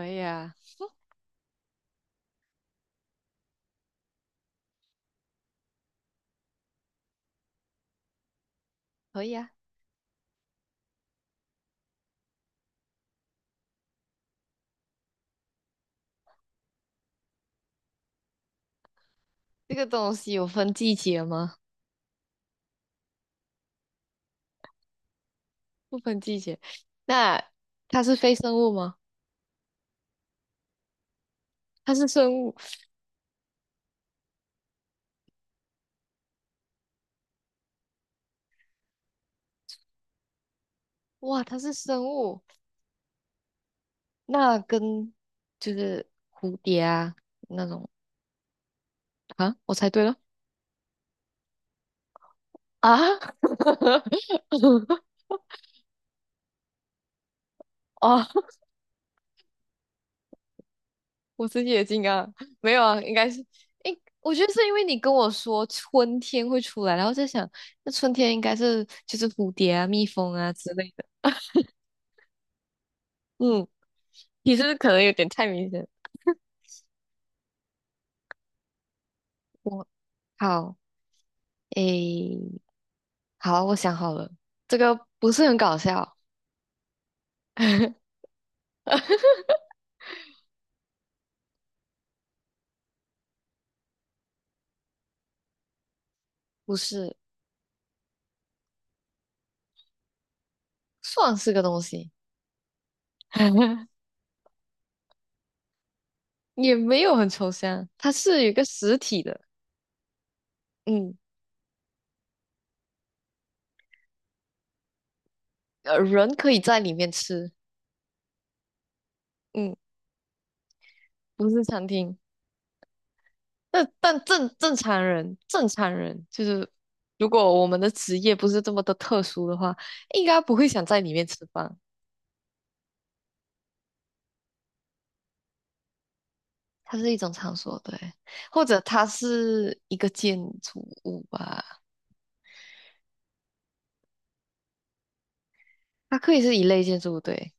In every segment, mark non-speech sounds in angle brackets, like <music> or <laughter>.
可以啊，可以啊。这个东西有分季节吗？不分季节。那它是非生物吗？它是生物。哇，它是生物。那跟蝴蝶啊那种，啊，我猜对了。啊！<laughs> 哦，我是野金刚，没有啊，应该是。诶，我觉得是因为你跟我说春天会出来，然后在想，那春天应该是就是蝴蝶啊、蜜蜂啊之类的。嗯，其实可能有点太明显。我。好，诶，好，我想好了，这个不是很搞笑。<laughs> 不是，算是个东西。<laughs> 也没有很抽象，它是有一个实体的。嗯，人可以在里面吃。嗯，不是餐厅，但正常人，正常人就是，如果我们的职业不是这么的特殊的话，应该不会想在里面吃饭。它是一种场所，对，或者它是一个建筑物吧。它可以是一类建筑物，对。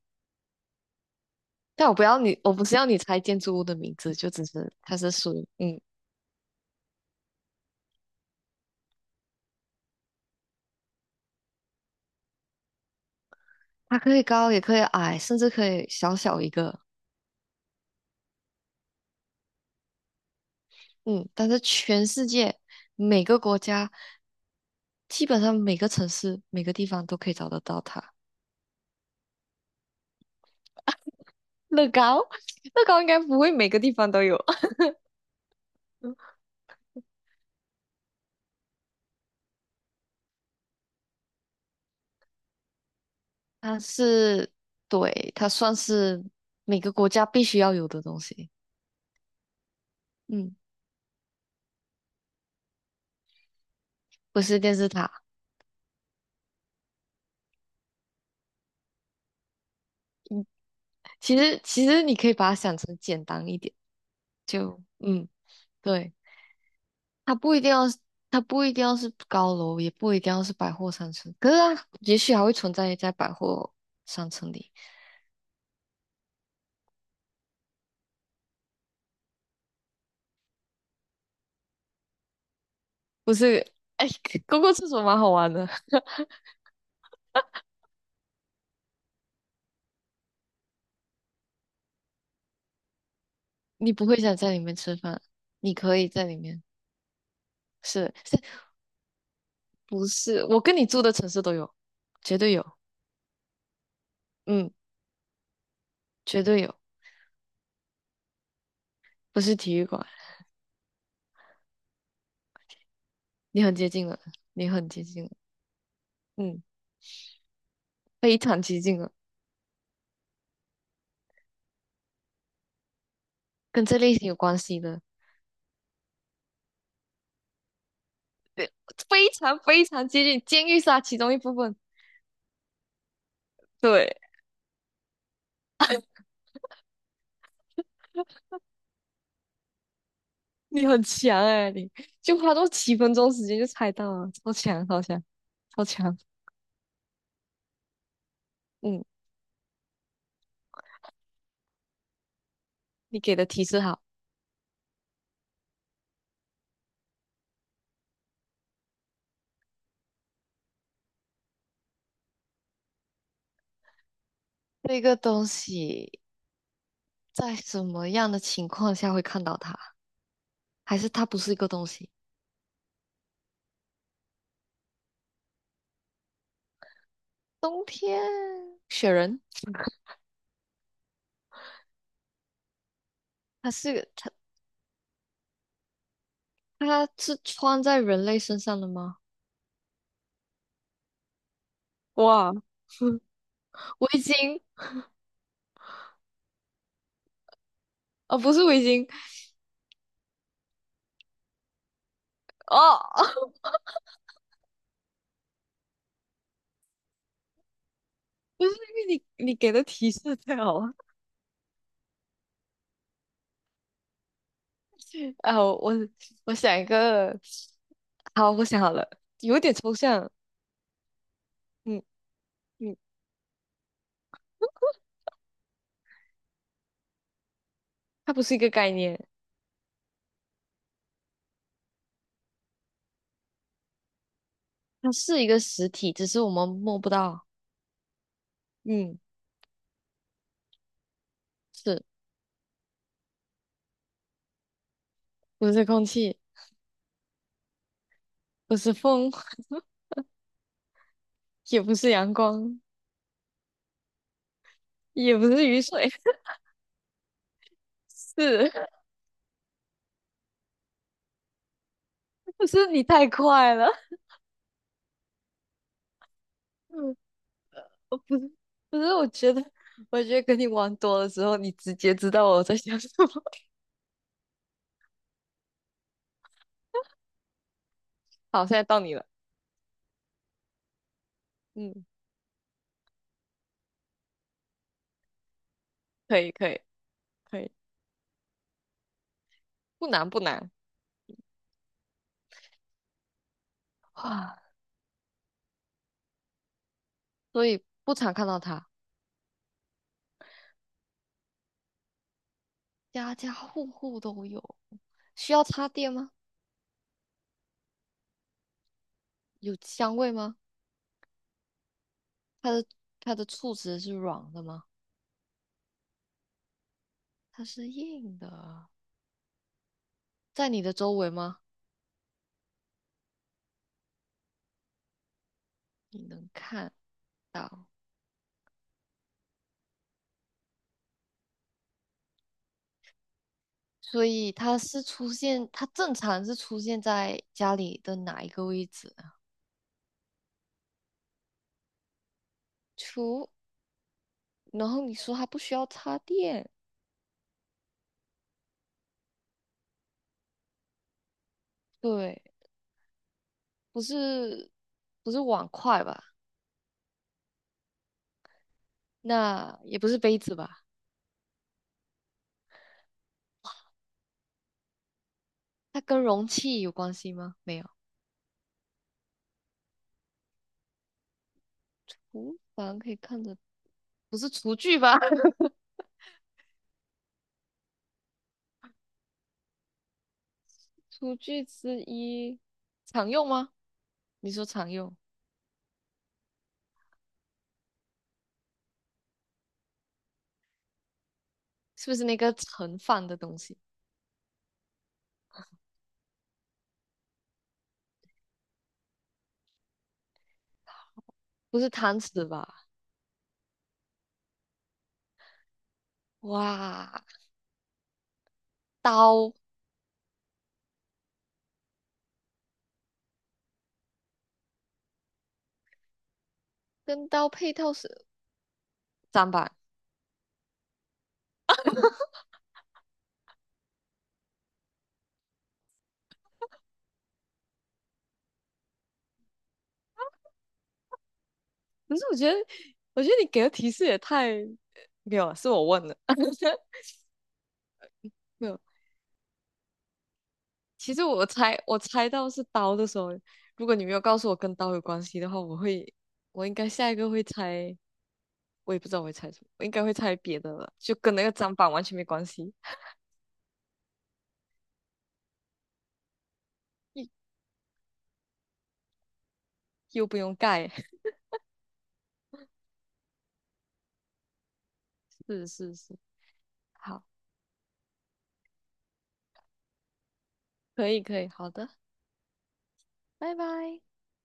但我不要你，我不是要你猜建筑物的名字，就只是它是属于，嗯，它可以高也可以矮，甚至可以小小一个。嗯。但是全世界每个国家，基本上每个城市、每个地方都可以找得到它。乐高，<laughs> 乐高应该不会每个地方都有。<laughs> 它是，对，它算是每个国家必须要有的东西。嗯，不是电视塔。嗯，其实你可以把它想成简单一点。就嗯，对，它不一定要是，它不一定要是高楼，也不一定要是百货商城，可是它也许还会存在在百货商城里。不是，哎，公共厕所蛮好玩的。<laughs> 你不会想在里面吃饭，你可以在里面，是不是？我跟你住的城市都有，绝对有。嗯，绝对有，不是体育馆，你很接近了，你很接近了。嗯，非常接近了，跟这类型有关系的。对，非常非常接近，监狱是它其中一部分。对，<laughs> 你很强哎、你就花多7分钟时间就猜到了，超强超强超强！嗯，你给的提示好。这个东西在什么样的情况下会看到它？还是它不是一个东西？冬天，雪人，它是它是穿在人类身上的吗？哇，<laughs> 围巾。啊，不是围巾。哦，<laughs> 不是因为你给的提示太好了。<laughs> 啊，我想一个。好，我想好了，有点抽象。嗯嗯，它不是一个概念。它是一个实体，只是我们摸不到。嗯，是不是空气，不是风，也不是阳光，也不是雨水。<laughs> 是。 <laughs> 不是你太快了？<laughs> 嗯，我不是不是，我觉得跟你玩多了之后，你直接知道我在想什么。<laughs> 好，现在到你了。嗯，可以可以可以，不难不难。哇，所以不常看到它，家家户户都有。需要插电吗？有香味吗？它的它的触子是软的吗？它是硬的，在你的周围吗？你能看到，所以它是出现，它正常是出现在家里的哪一个位置？厨，除然后你说它不需要插电，对，不是不是碗筷吧？那也不是杯子吧？它跟容器有关系吗？没有，厨房可以看着，不是厨具吧？厨具之一，常用吗？你说常用，是不是那个盛饭的东西？不是汤匙吧？哇，刀。跟刀配套是砧板。可是我觉得，你给的提示也太……没有啊，是我问的。<laughs> 没有，其实我猜到是刀的时候，如果你没有告诉我跟刀有关系的话，我会，我应该下一个会猜，我也不知道我会猜什么，我应该会猜别的了，就跟那个砧板完全没关系，又又不用盖。是是是，好，可以可以，好的，拜拜。